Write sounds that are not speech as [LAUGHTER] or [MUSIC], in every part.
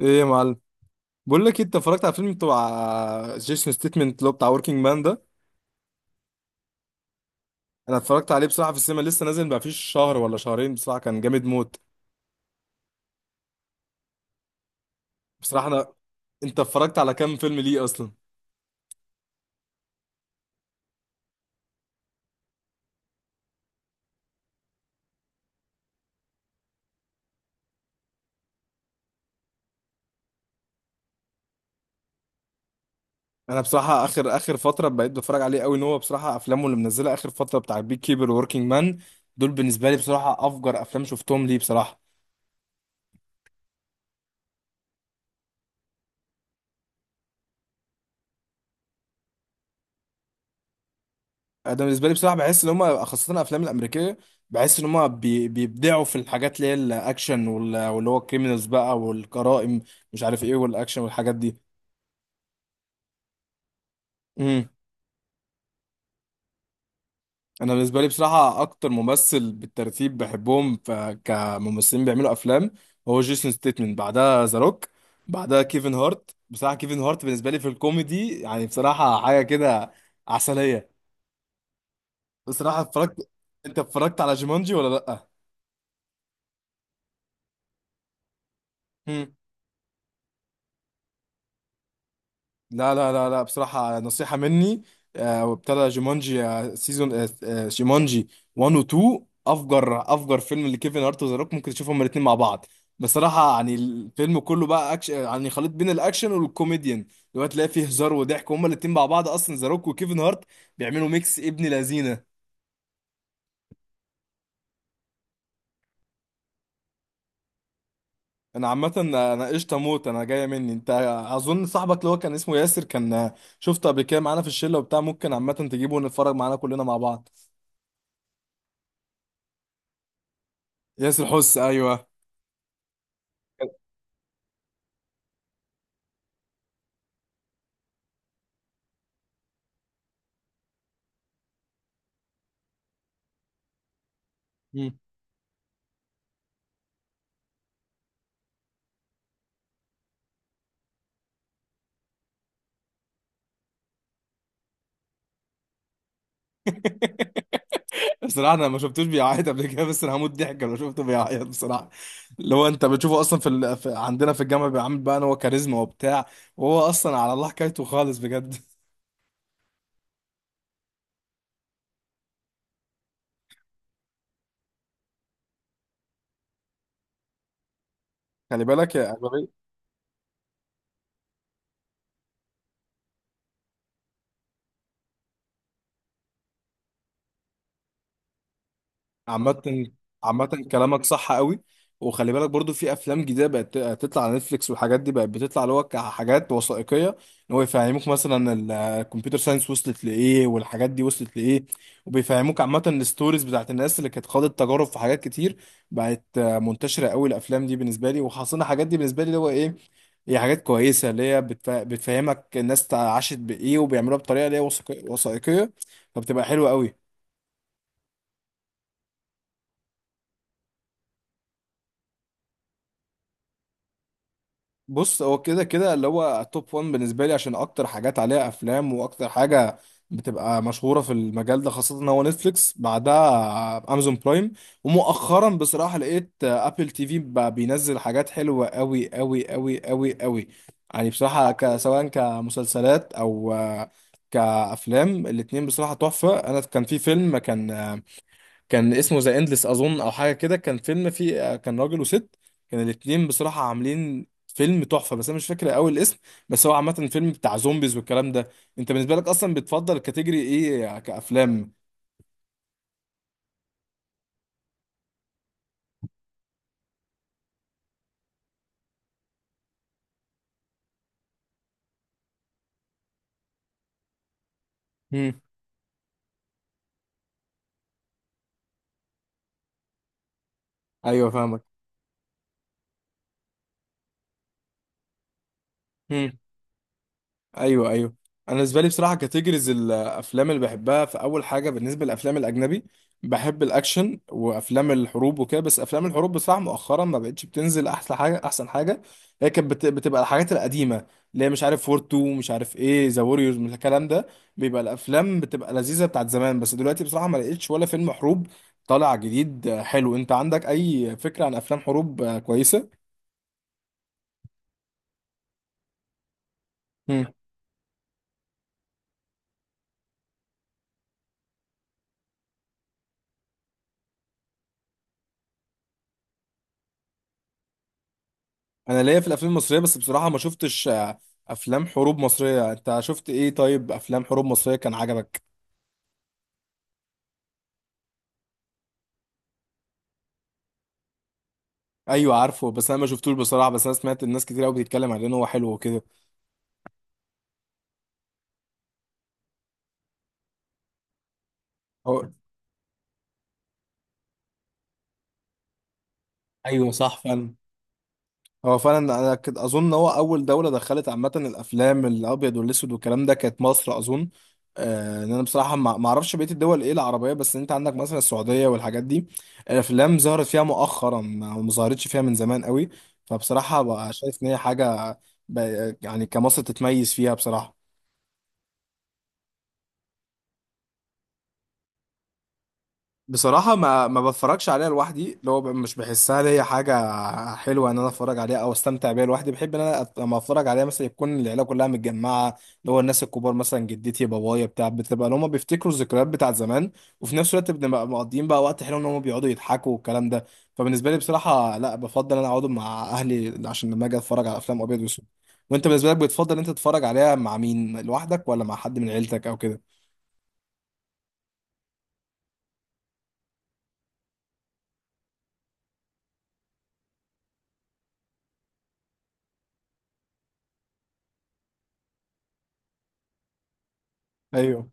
ايه يا معلم. بقول لك إيه، انت اتفرجت على فيلم بتاع جيسون ستيتمنت اللي هو بتاع وركينج مان ده؟ انا اتفرجت عليه بصراحه في السينما، لسه نازل ما فيش شهر ولا شهرين، بصراحه كان جامد موت. بصراحه انت اتفرجت على كام فيلم ليه اصلا؟ انا بصراحه اخر فتره بقيت بتفرج عليه قوي، ان هو بصراحه افلامه اللي منزلها اخر فتره بتاع بيك كيبر ووركينج مان، دول بالنسبه لي بصراحه افجر افلام شفتهم ليه بصراحه. انا بالنسبه لي بصراحه بحس ان هم، خاصه الافلام الامريكيه، بحس ان هم بيبدعوا في الحاجات اللي هي الاكشن واللي هو الكريمنالز بقى والجرائم، مش عارف ايه والاكشن والحاجات دي. امم انا بالنسبه لي بصراحه اكتر ممثل بالترتيب بحبهم كممثلين بيعملوا افلام هو جيسون ستيتمن، بعدها ذا روك، بعدها كيفن هارت. بصراحه كيفن هارت بالنسبه لي في الكوميدي يعني بصراحه حاجه كده عسليه. بصراحه اتفرجت، انت اتفرجت على جيمانجي ولا لا؟ امم لا لا لا لا، بصراحة نصيحة مني، وابتدى جيمونجي سيزون، جيمونجي 1 و 2 افجر افجر فيلم لكيفن هارت وذا روك، ممكن تشوفهم الاثنين مع بعض. بصراحة يعني الفيلم كله بقى يعني خليط بين الاكشن والكوميديان، اللي هو تلاقي فيه هزار وضحك، وهما الاثنين مع بعض اصلا ذا روك وكيفن هارت بيعملوا ميكس ابن لذينة. انا عامة، انا قشطة موت، انا جاية مني انت. اظن صاحبك اللي هو كان اسمه ياسر، كان شفته قبل كده معانا في الشلة وبتاع، ممكن عامة تجيبه ونتفرج معانا كلنا مع بعض. ياسر حس، ايوه. مم. بصراحه انا ما شفتوش بيعيط قبل كده، بس انا هموت ضحك لو شفته بيعيط بصراحه. اللي هو انت بتشوفه اصلا في عندنا في الجامعه بيعمل بقى ان هو كاريزما وبتاع، وهو اصلا على الله حكايته خالص بجد. [LAUGHS] خلي بالك يا أغلبية. عامة، عامة كلامك صح قوي. وخلي بالك برضو في افلام جديده بقت تطلع على نتفليكس والحاجات دي، بقت بتطلع اللي هو كحاجات وثائقيه، ان هو يفهموك مثلا الكمبيوتر ساينس وصلت لايه، والحاجات دي وصلت لايه، وبيفهموك عامه الستوريز بتاعت الناس اللي كانت خاضت تجارب في حاجات كتير. بقت منتشره قوي الافلام دي بالنسبه لي، وحصلنا الحاجات دي بالنسبه لي اللي هو ايه، هي حاجات كويسه اللي هي بتفهمك الناس عاشت بايه، وبيعملوها بطريقه اللي هي وثائقيه، فبتبقى حلوه قوي. بص هو كده كده اللي هو توب 1 بالنسبه لي، عشان اكتر حاجات عليها افلام، واكتر حاجه بتبقى مشهوره في المجال ده، خاصه ان هو نتفليكس، بعدها امازون برايم، ومؤخرا بصراحه لقيت ابل تي في بقى بينزل حاجات حلوه قوي قوي قوي قوي قوي. يعني بصراحه سواء كمسلسلات او كافلام، الاتنين بصراحه تحفه. انا كان في فيلم كان اسمه ذا اندلس اظن او حاجه كده، كان فيلم فيه كان راجل وست، كان الاتنين بصراحه عاملين فيلم تحفه، بس انا مش فاكر قوي الاسم، بس هو عامه فيلم بتاع زومبيز والكلام ده. انت بالنسبه لك اصلا بتفضل كاتيجوري ايه كافلام؟ مم. ايوه فاهمك. ايوه ايوه. انا بالنسبه لي بصراحه كاتيجوريز الافلام اللي بحبها، في اول حاجه بالنسبه للافلام الاجنبي، بحب الاكشن وافلام الحروب وكده، بس افلام الحروب بصراحه مؤخرا ما بقتش بتنزل احسن حاجه. احسن حاجه هي كانت بتبقى الحاجات القديمه، اللي هي مش عارف وور 2، مش عارف ايه ذا ووريرز من الكلام ده، بيبقى الافلام بتبقى لذيذه بتاعت زمان. بس دلوقتي بصراحه ما لقيتش ولا فيلم حروب طالع جديد حلو، انت عندك اي فكره عن افلام حروب كويسه؟ انا ليا في الافلام المصريه، بس بصراحه ما شفتش افلام حروب مصريه. انت شفت ايه طيب، افلام حروب مصريه كان عجبك؟ ايوه عارفه، بس انا ما شفتوش بصراحه، بس انا سمعت الناس كتير قوي بتتكلم عليه ان هو حلو وكده. هو- ايوه صح فعلا. هو فعلا انا اظن هو اول دوله دخلت عامه الافلام الابيض والاسود والكلام ده كانت مصر اظن، ان انا بصراحه ما اعرفش بقيه الدول ايه العربيه، بس انت عندك مثلا السعوديه والحاجات دي الافلام ظهرت فيها مؤخرا، ما ظهرتش فيها من زمان قوي، فبصراحه بقى شايف ان هي حاجه يعني كمصر تتميز فيها بصراحه. بصراحة ما بتفرجش عليها لوحدي، اللي هو مش بحسها ليا حاجة حلوة إن أنا أتفرج عليها أو أستمتع بيها لوحدي. بحب إن أنا لما أتفرج عليها مثلا يكون العيلة كلها متجمعة، اللي هو الناس الكبار مثلا جدتي، بابايا بتاع، بتبقى اللي هما بيفتكروا الذكريات بتاعت زمان، وفي نفس الوقت بنبقى مقضيين بقى وقت حلو، إن هما بيقعدوا يضحكوا والكلام ده. فبالنسبة لي بصراحة لا، بفضل إن أنا أقعد مع أهلي عشان لما أجي أتفرج على أفلام أبيض وأسود. وأنت بالنسبة لك بتفضل إن أنت تتفرج عليها مع مين، لوحدك ولا مع حد من عيلتك أو كده؟ ايوه.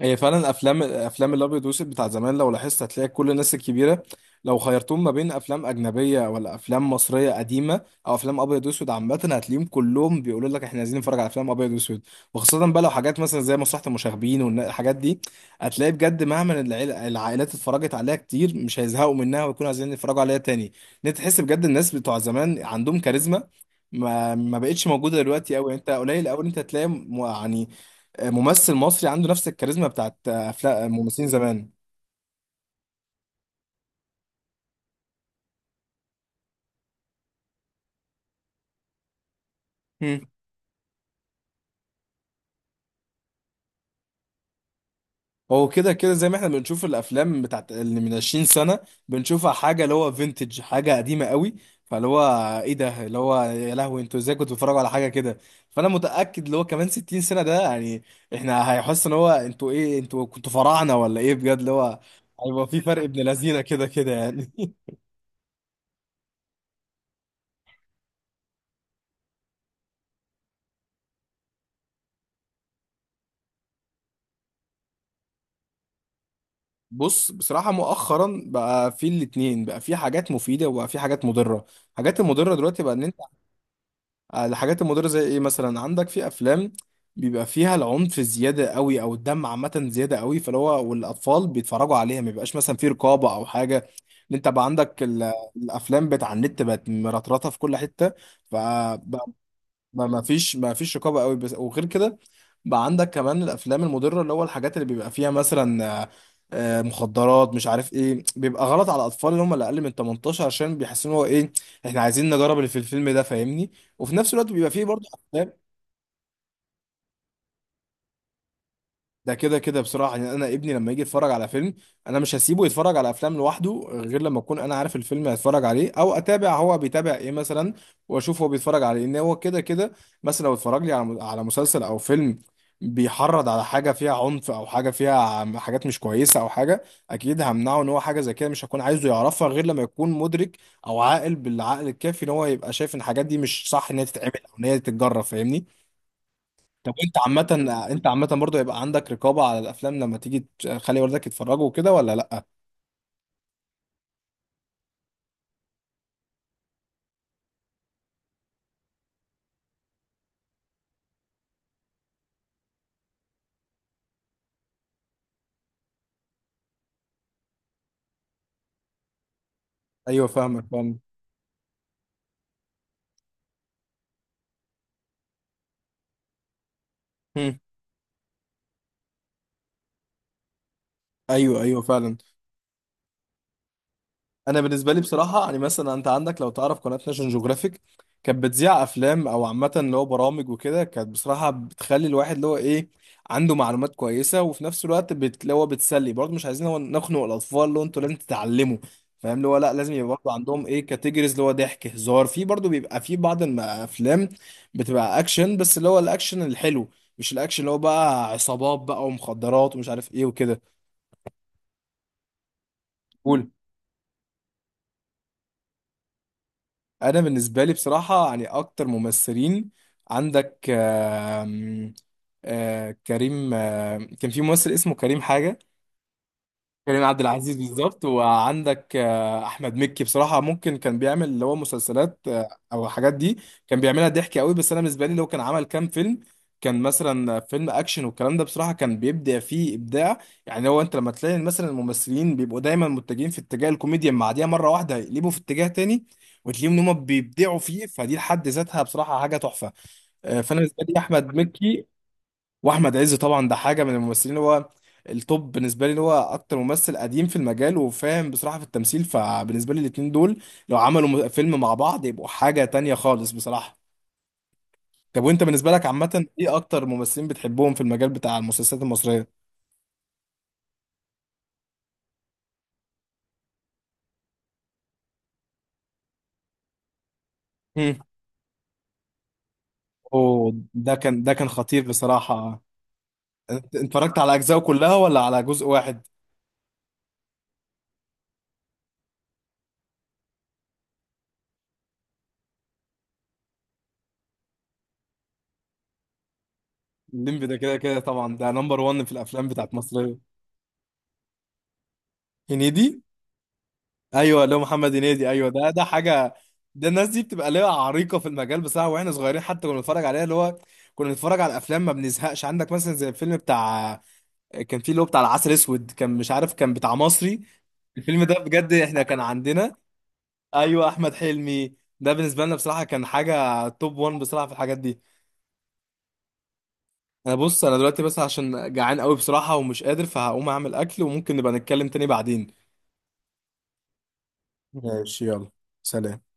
هي فعلا افلام الابيض والاسود بتاع زمان، لو لاحظت هتلاقي كل الناس الكبيره، لو خيرتهم ما بين افلام اجنبيه ولا افلام مصريه قديمه او افلام ابيض واسود عامه، هتلاقيهم كلهم بيقولوا لك احنا عايزين نتفرج على افلام ابيض واسود. وخاصه بقى لو حاجات مثلا زي مسرحيه المشاغبين والحاجات دي، هتلاقي بجد مهما العائلات اتفرجت عليها كتير، مش هيزهقوا منها ويكونوا عايزين يتفرجوا عليها تاني. ان انت تحس بجد الناس بتوع زمان عندهم كاريزما ما بقتش موجوده دلوقتي قوي. انت قليل قوي انت هتلاقي يعني ممثل مصري عنده نفس الكاريزما بتاعت افلام ممثلين زمان. مم. هو كده كده زي ما احنا بنشوف الافلام بتاعت اللي من 20 سنه، بنشوفها حاجه اللي هو فينتج، حاجه قديمه قوي، فاللي هو ايه ده، اللي هو يا لهوي انتوا ازاي كنتوا بتتفرجوا على حاجه كده. فانا متاكد اللي هو كمان 60 سنه ده يعني احنا هيحس ان هو انتوا ايه، انتوا كنتوا فراعنه ولا ايه بجد، اللي هو هيبقى في فرق ابن لذينه كده كده يعني. [LAUGHS] بص بصراحه مؤخرا بقى في الاتنين، بقى في حاجات مفيده وبقى في حاجات مضره. الحاجات المضره دلوقتي بقى ان الحاجات المضرة زي ايه، مثلا عندك في افلام بيبقى فيها العنف زيادة قوي، او الدم عامة زيادة قوي، فاللي هو والاطفال بيتفرجوا عليها ما بيبقاش مثلا في رقابة او حاجة. ان انت بقى عندك الافلام بتاع النت بقت مرطرطة في كل حتة، ف ما فيش رقابه قوي بس. وغير كده، بقى عندك كمان الافلام المضره اللي هو الحاجات اللي بيبقى فيها مثلا مخدرات، مش عارف ايه، بيبقى غلط على الاطفال اللي هم اللي اقل من 18، عشان بيحسوا ان هو ايه، احنا عايزين نجرب اللي في الفيلم ده فاهمني. وفي نفس الوقت بيبقى فيه برضه افلام. ده كده كده بصراحة، يعني أنا ابني لما يجي يتفرج على فيلم، أنا مش هسيبه يتفرج على أفلام لوحده غير لما أكون أنا عارف الفيلم هيتفرج عليه، أو أتابع هو بيتابع إيه مثلا، وأشوف هو بيتفرج على إيه، إن هو كده كده مثلا لو اتفرج لي على مسلسل أو فيلم بيحرض على حاجة فيها عنف، أو حاجة فيها حاجات مش كويسة أو حاجة، أكيد همنعه إن هو حاجة زي كده مش هكون عايزه يعرفها غير لما يكون مدرك أو عاقل بالعقل الكافي، إن هو يبقى شايف إن الحاجات دي مش صح إن هي تتعمل أو إن هي تتجرب فاهمني. طب انت عامة، انت عامة برضو يبقى عندك رقابة على الافلام لما تيجي تخلي والدك يتفرجوا وكده ولا لا؟ ايوه فاهمك فاهم. ايوه ايوه فعلا. انا بالنسبه لي بصراحه يعني مثلا انت عندك لو تعرف قناه ناشونال جيوغرافيك كانت بتذيع افلام، او عامه اللي هو برامج وكده، كانت بصراحه بتخلي الواحد اللي هو ايه، عنده معلومات كويسه، وفي نفس الوقت اللي هو بتسلي برضه. مش عايزين هو نخنق الاطفال اللي هو انتوا لازم تتعلموا فاهم، اللي هو لا لازم يبقى برضه عندهم ايه كاتيجوريز اللي هو ضحك هزار. في برضه بيبقى في بعض الافلام بتبقى اكشن، بس اللي هو الاكشن الحلو، مش الاكشن اللي هو بقى عصابات بقى، ومخدرات، ومش عارف ايه وكده. انا بالنسبه لي بصراحه يعني اكتر ممثلين، عندك كريم، كان في ممثل اسمه كريم حاجه. كريم عبد العزيز بالظبط. وعندك احمد مكي، بصراحه ممكن كان بيعمل اللي هو مسلسلات او الحاجات دي، كان بيعملها ضحك قوي، بس انا بالنسبه لي لو كان عمل كام فيلم، كان مثلا فيلم اكشن والكلام ده بصراحه كان بيبدع فيه ابداع. يعني هو انت لما تلاقي مثلا الممثلين بيبقوا دايما متجهين في اتجاه الكوميديا، مع دي مره واحده يقلبوا في اتجاه تاني وتلاقيهم ان هم بيبدعوا فيه، فدي لحد ذاتها بصراحه حاجه تحفه. فانا بالنسبه لي احمد مكي واحمد عز طبعا، ده حاجه من الممثلين، اللي هو التوب بالنسبه لي، اللي هو اكتر ممثل قديم في المجال وفاهم بصراحه في التمثيل، فبالنسبه لي الاتنين دول لو عملوا فيلم مع بعض يبقوا حاجه تانية خالص بصراحه. طب وانت بالنسبه لك عامه ايه اكتر ممثلين بتحبهم في المجال بتاع المسلسلات المصريه؟ مم. اوه ده كان، ده كان خطير بصراحه. انت انت اتفرجت على اجزائه كلها ولا على جزء واحد؟ الليمبي ده كده كده طبعا ده نمبر 1 في الافلام بتاعت مصريه. هنيدي، ايوه اللي هو محمد هنيدي، ايوه ده ده حاجه. ده الناس دي بتبقى ليها عريقه في المجال بصراحه، واحنا صغيرين حتى كنا بنتفرج عليها، اللي هو كنا بنتفرج على الافلام ما بنزهقش. عندك مثلا زي الفيلم بتاع كان فيه، اللي هو بتاع العسل اسود، كان مش عارف كان بتاع مصري، الفيلم ده بجد احنا كان عندنا، ايوه احمد حلمي، ده بالنسبه لنا بصراحه كان حاجه توب 1 بصراحه في الحاجات دي. انا بص انا دلوقتي بس عشان جعان قوي بصراحه ومش قادر، فهقوم اعمل اكل وممكن نبقى نتكلم تاني بعدين. ماشي يلا. سلام.